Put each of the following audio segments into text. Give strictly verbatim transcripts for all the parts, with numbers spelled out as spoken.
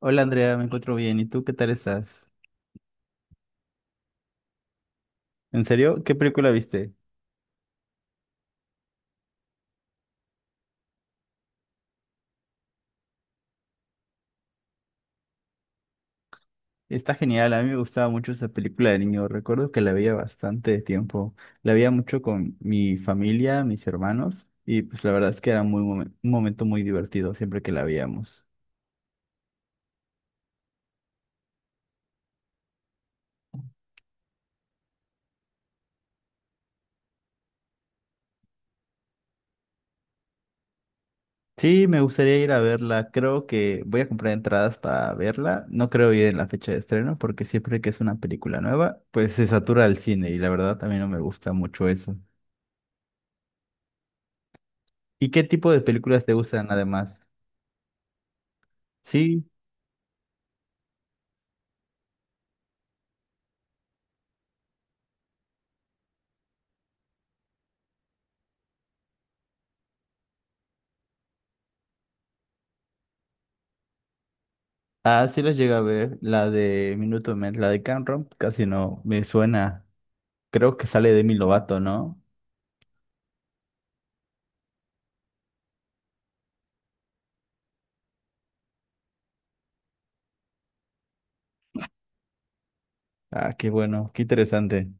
Hola Andrea, me encuentro bien. ¿Y tú qué tal estás? ¿En serio? ¿Qué película viste? Está genial, a mí me gustaba mucho esa película de niño. Recuerdo que la veía bastante de tiempo. La veía mucho con mi familia, mis hermanos, y pues la verdad es que era muy momen- un momento muy divertido siempre que la veíamos. Sí, me gustaría ir a verla. Creo que voy a comprar entradas para verla. No creo ir en la fecha de estreno porque siempre que es una película nueva, pues se satura el cine y la verdad también no me gusta mucho eso. ¿Y qué tipo de películas te gustan además? Sí. Ah, sí los llega a ver, la de Minuto Men, la de Camp Rock, casi no me suena. Creo que sale Demi Lovato, ¿no? Ah, qué bueno, qué interesante.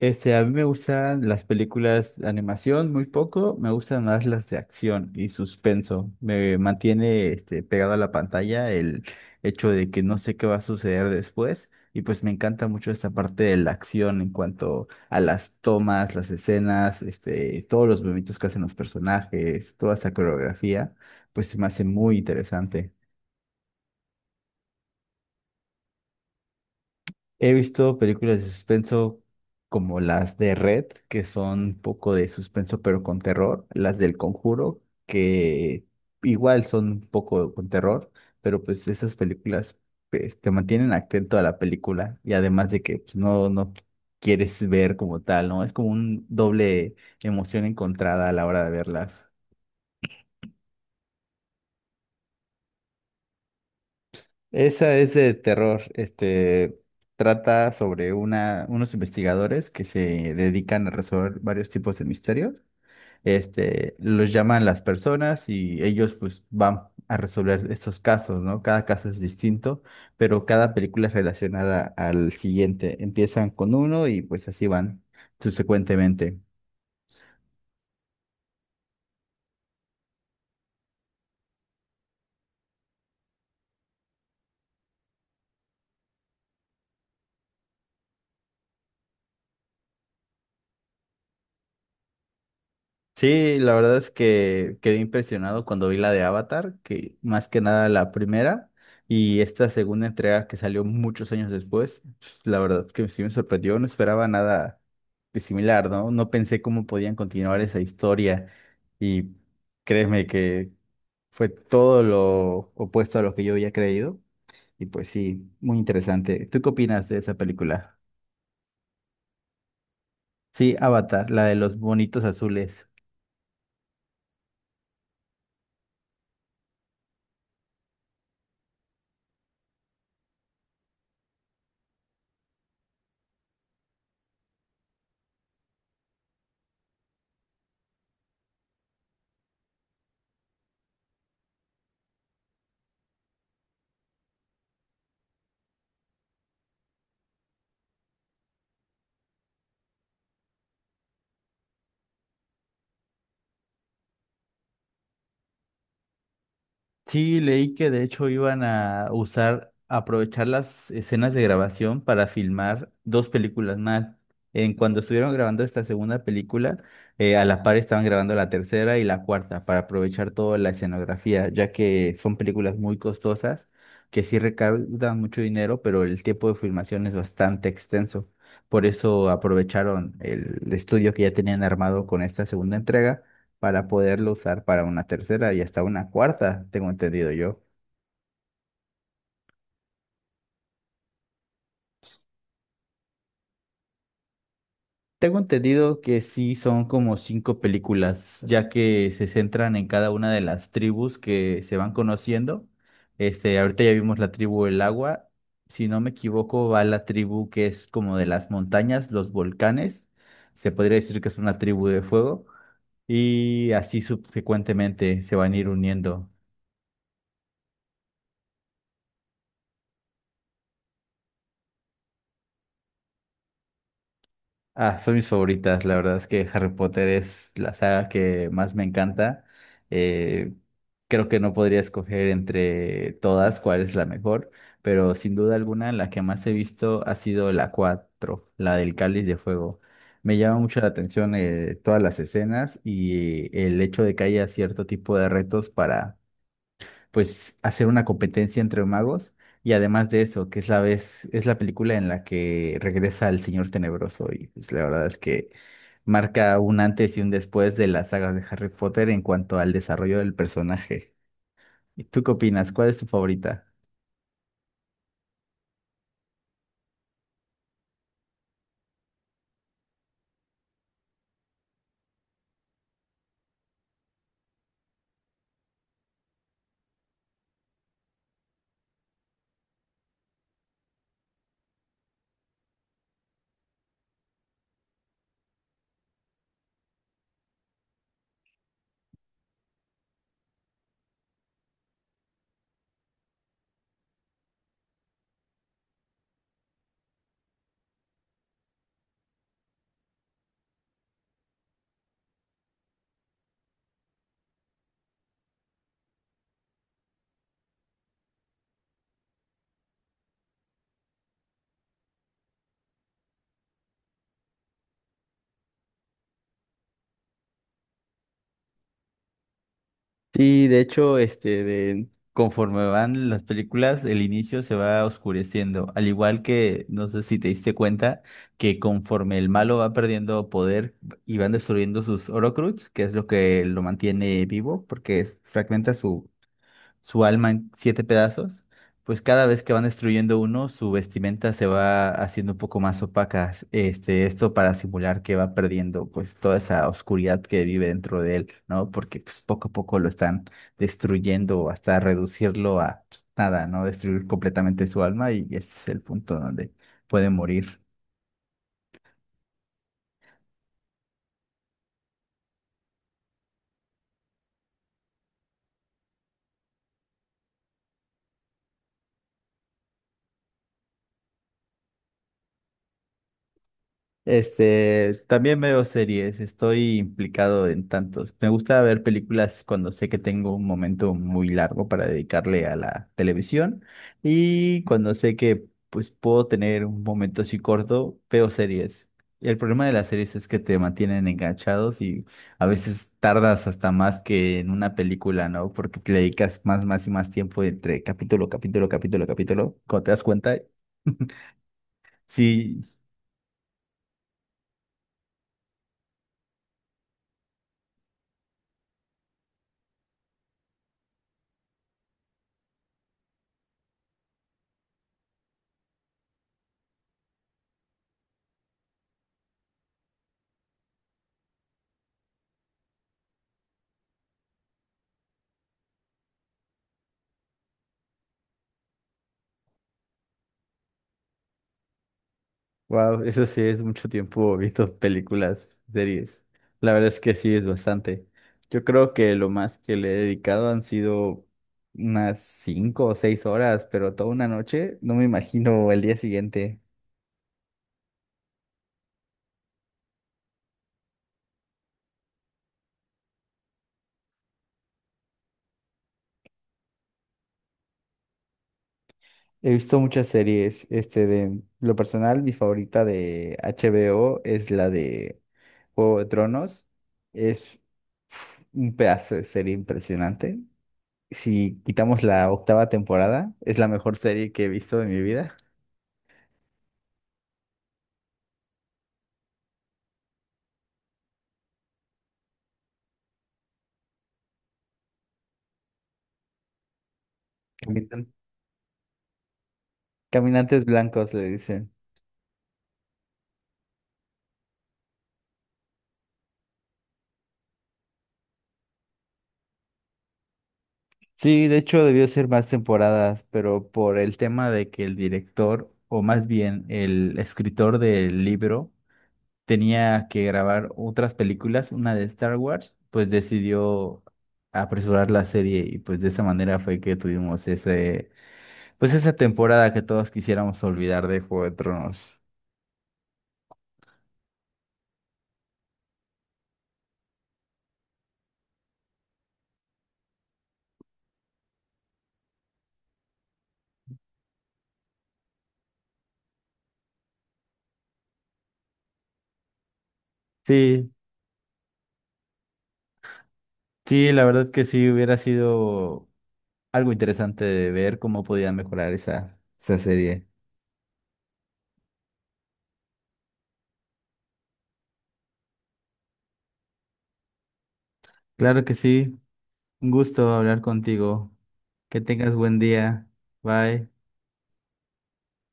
Este, a mí me gustan las películas de animación muy poco, me gustan más las de acción y suspenso. Me mantiene este, pegado a la pantalla el hecho de que no sé qué va a suceder después y pues me encanta mucho esta parte de la acción en cuanto a las tomas, las escenas, este, todos los movimientos que hacen los personajes, toda esa coreografía, pues se me hace muy interesante. He visto películas de suspenso como las de Red, que son un poco de suspenso pero con terror, las del Conjuro, que igual son un poco con terror, pero pues esas películas pues, te mantienen atento a la película y además de que pues, no, no quieres ver como tal, ¿no? Es como un doble emoción encontrada a la hora de verlas. Esa es de terror. Este trata sobre una, unos investigadores que se dedican a resolver varios tipos de misterios. Este, los llaman las personas y ellos pues van a resolver estos casos, ¿no? Cada caso es distinto, pero cada película es relacionada al siguiente. Empiezan con uno y pues así van subsecuentemente. Sí, la verdad es que quedé impresionado cuando vi la de Avatar, que más que nada la primera y esta segunda entrega que salió muchos años después, pues, la verdad es que sí me sorprendió, no esperaba nada de similar, ¿no? No pensé cómo podían continuar esa historia y créeme que fue todo lo opuesto a lo que yo había creído y pues sí, muy interesante. ¿Tú qué opinas de esa película? Sí, Avatar, la de los bonitos azules. Sí, leí que de hecho iban a usar, aprovechar las escenas de grabación para filmar dos películas más. En cuando estuvieron grabando esta segunda película, eh, a la par estaban grabando la tercera y la cuarta para aprovechar toda la escenografía, ya que son películas muy costosas que sí recaudan mucho dinero, pero el tiempo de filmación es bastante extenso. Por eso aprovecharon el estudio que ya tenían armado con esta segunda entrega para poderlo usar para una tercera y hasta una cuarta, tengo entendido yo. Tengo entendido que sí son como cinco películas, ya que se centran en cada una de las tribus que se van conociendo. Este, ahorita ya vimos la tribu del agua. Si no me equivoco, va la tribu que es como de las montañas, los volcanes. Se podría decir que es una tribu de fuego. Y así subsecuentemente se van a ir uniendo. Ah, son mis favoritas. La verdad es que Harry Potter es la saga que más me encanta. Eh, creo que no podría escoger entre todas cuál es la mejor, pero sin duda alguna la que más he visto ha sido la cuatro, la del Cáliz de Fuego. Me llama mucho la atención eh, todas las escenas y el hecho de que haya cierto tipo de retos para pues hacer una competencia entre magos y además de eso, que es la vez, es la película en la que regresa el Señor Tenebroso y pues la verdad es que marca un antes y un después de las sagas de Harry Potter en cuanto al desarrollo del personaje. ¿Y tú qué opinas? ¿Cuál es tu favorita? Sí, de hecho, este, de, conforme van las películas, el inicio se va oscureciendo. Al igual que, no sé si te diste cuenta, que conforme el malo va perdiendo poder y van destruyendo sus Horcrux, que es lo que lo mantiene vivo, porque fragmenta su su alma en siete pedazos, pues cada vez que van destruyendo uno, su vestimenta se va haciendo un poco más opaca. Este, esto para simular que va perdiendo pues toda esa oscuridad que vive dentro de él, ¿no? Porque pues poco a poco lo están destruyendo hasta reducirlo a pues, nada, ¿no? Destruir completamente su alma y ese es el punto donde puede morir. Este, también veo series, estoy implicado en tantos. Me gusta ver películas cuando sé que tengo un momento muy largo para dedicarle a la televisión y cuando sé que pues puedo tener un momento así corto, veo series. Y el problema de las series es que te mantienen enganchados y a veces tardas hasta más que en una película, ¿no? Porque te le dedicas más, más y más tiempo entre capítulo, capítulo, capítulo, capítulo, cuando te das cuenta. Sí. Wow, eso sí es mucho tiempo visto películas, series. La verdad es que sí es bastante. Yo creo que lo más que le he dedicado han sido unas cinco o seis horas, pero toda una noche, no me imagino el día siguiente. He visto muchas series, este de lo personal, mi favorita de H B O es la de Juego de Tronos. Es uf, un pedazo de serie impresionante. Si quitamos la octava temporada, es la mejor serie que he visto en mi vida. Caminan- Caminantes blancos le dicen. Sí, de hecho debió ser más temporadas, pero por el tema de que el director, o más bien el escritor del libro, tenía que grabar otras películas, una de Star Wars, pues decidió apresurar la serie y pues de esa manera fue que tuvimos ese, pues esa temporada que todos quisiéramos olvidar de Juego de Tronos. Sí, sí, la verdad que sí hubiera sido algo interesante de ver cómo podían mejorar esa, esa serie. Claro que sí. Un gusto hablar contigo. Que tengas buen día. Bye.